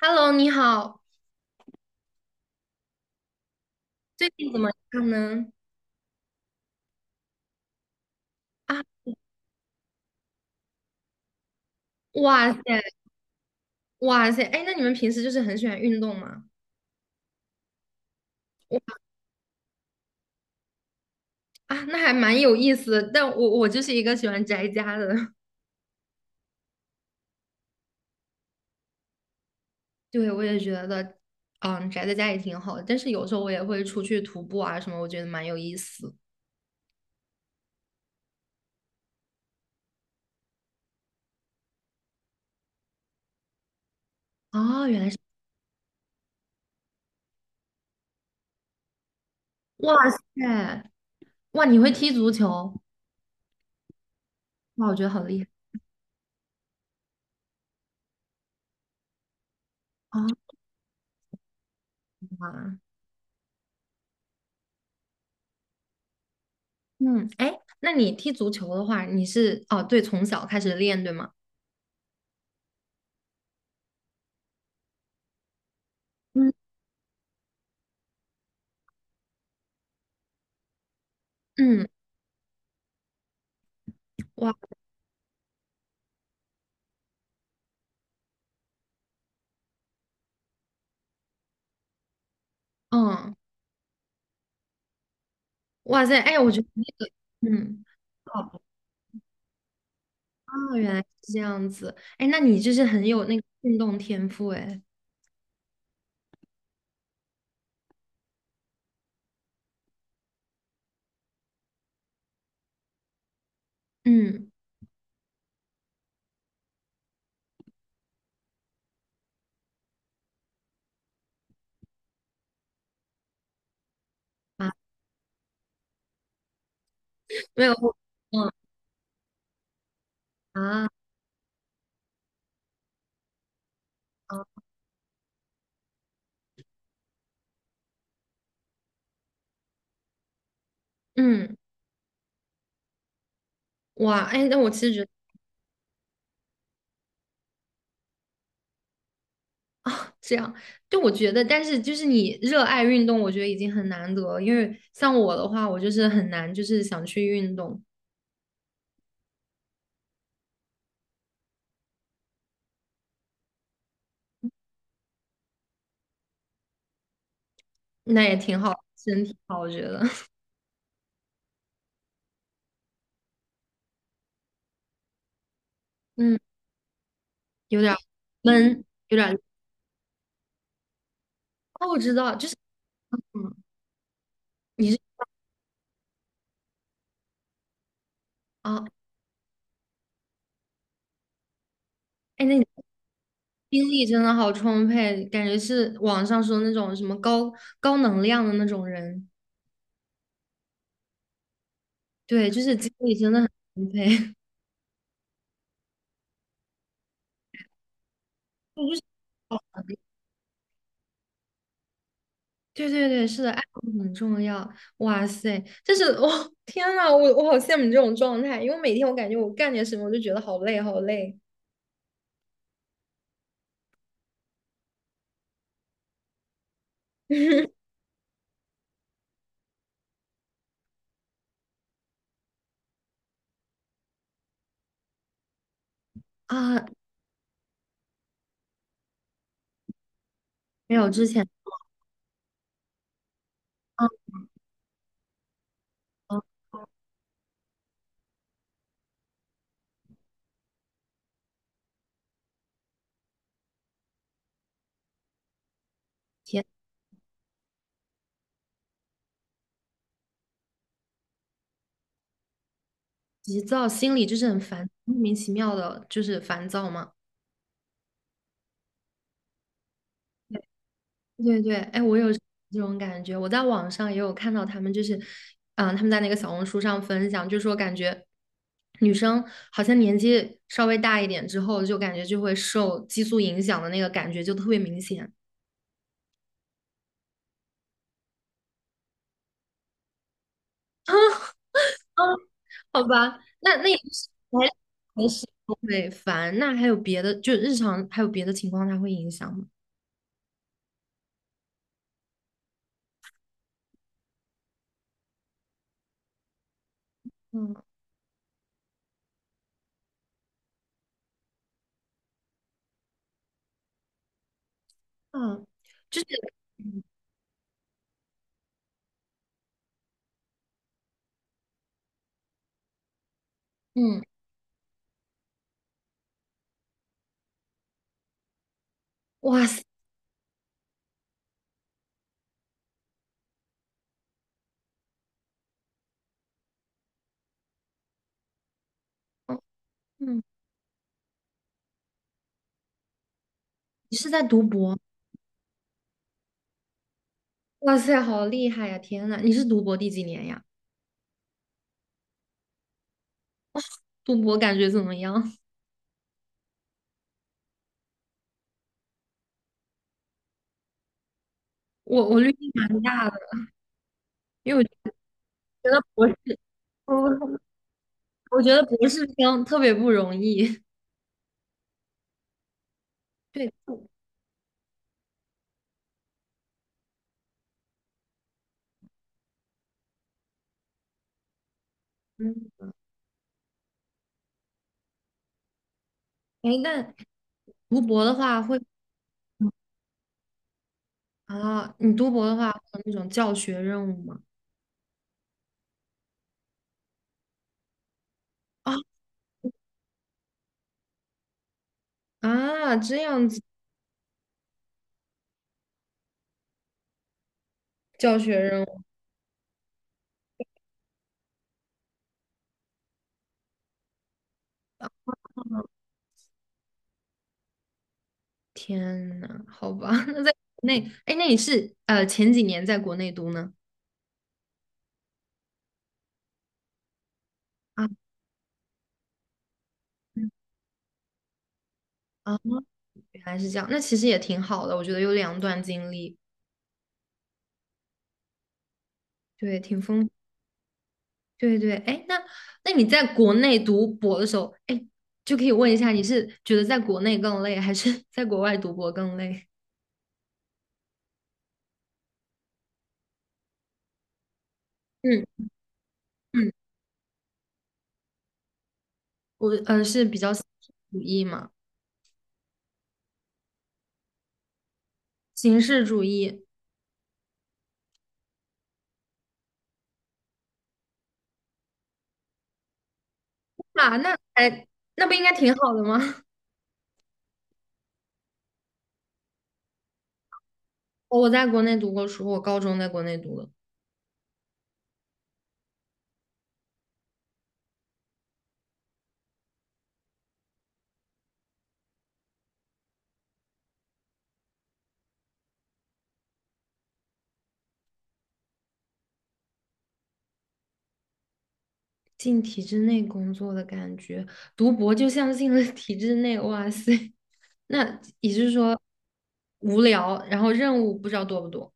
Hello，你好，最近怎么样呢？啊，哇塞，哇塞，哎，那你们平时就是很喜欢运动吗？我啊，那还蛮有意思的，但我就是一个喜欢宅家的。对，我也觉得，嗯，宅在家也挺好的，但是有时候我也会出去徒步啊什么，我觉得蛮有意思。哦，原来是，哇塞，哇，你会踢足球？哇，我觉得好厉害哦，哇，嗯，哎，那你踢足球的话，你是哦，对，从小开始练，对吗？嗯嗯，哇，嗯。哇塞，哎，我觉得那个 嗯，哦，哦原来是这样子，哎，那你就是很有那个运动天赋，哎，嗯，啊，没有，嗯啊啊，嗯，哇，哎，那我其实觉得啊，这样，就我觉得，但是就是你热爱运动，我觉得已经很难得了，因为像我的话，我就是很难，就是想去运动，那也挺好，身体好，我觉得，嗯，有点儿闷，有点儿，哦，我知道，就是，嗯，你是啊。哎，那你精力真的好充沛，感觉是网上说那种什么高能量的那种人。对，就是精力真的很充沛。我就是对对对，是的，爱好很重要。哇塞，但是我、哦天呐，我好羡慕你这种状态，因为每天我感觉我干点什么我就觉得好累好累啊，没有之前，啊啊，天，急躁，心里就是很烦，莫名其妙的，就是烦躁嘛。对对，哎，我有这种感觉，我在网上也有看到他们，就是，嗯、他们在那个小红书上分享，就说感觉女生好像年纪稍微大一点之后，就感觉就会受激素影响的那个感觉就特别明显，好吧？那也就是还还是会烦，那还有别的，就日常还有别的情况，它会影响吗？嗯嗯，就是嗯嗯哇塞，哦嗯，你是在读博？哇塞，好厉害呀！天呐，你是读博第几年呀？读博感觉怎么样？我滤镜蛮大的，因为我觉得博士，我我觉得博士生特别不容易。对，嗯，哎，那读博的话会啊，你读博的话会有那种教学任务吗？啊啊，这样子教学任务，哦天呐，好吧，那在国内，哎，那你是前几年在国内读呢？啊啊，哦原来是这样，那其实也挺好的，我觉得有两段经历，对，挺丰。对对，哎，那那你在国内读博的时候，哎，就可以问一下，你是觉得在国内更累，还是 在国外读博更累？嗯嗯，我是比较形式主义嘛，形式主义啊，那哎，那不应该挺好的吗？我在国内读过书，我高中在国内读的，进体制内工作的感觉，读博就像进了体制内，哇塞，那也就是说无聊，然后任务不知道多不多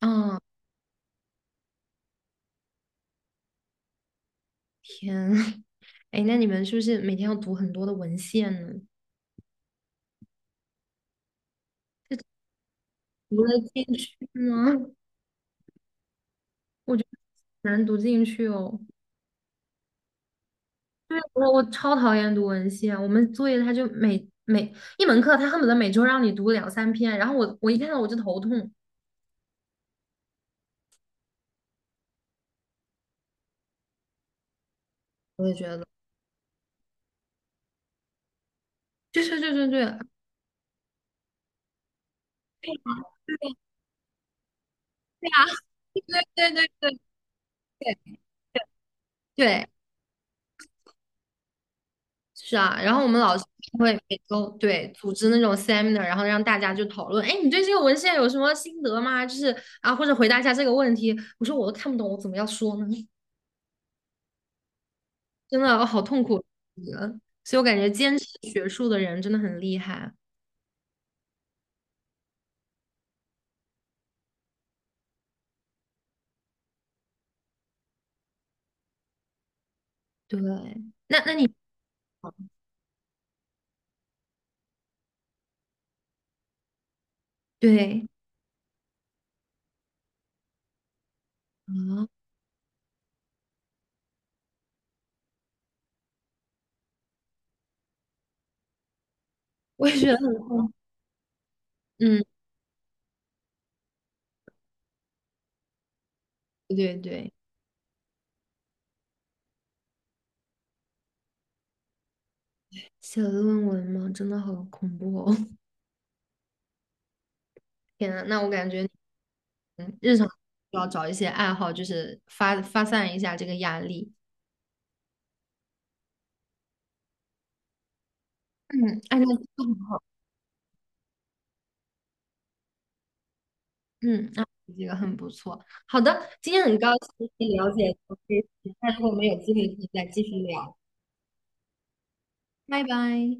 啊？天，哎，那你们是不是每天要读很多的文献呢？读得进去吗？我觉得很难读进去哦。对，我超讨厌读文献，我们作业他就每一门课，他恨不得每周让你读两三篇，然后我一看到我就头痛，我也觉得，对对对对对对，是啊。然后我们老师会每周对组织那种 seminar，然后让大家就讨论，哎，你对这个文献有什么心得吗？就是啊，或者回答一下这个问题。我说我都看不懂，我怎么要说呢？真的哦好痛苦，嗯所以我感觉坚持学术的人真的很厉害。对，那你对啊，我也觉得，嗯，对对对，写论文嘛，真的好恐怖哦！天呐，那我感觉，嗯日常需要找一些爱好，就是发散一下这个压力。嗯，哎，那这个很好，嗯，那这个很不错。好的，今天很高兴了解到这些，那如果我们有机会可以再继续聊，拜拜。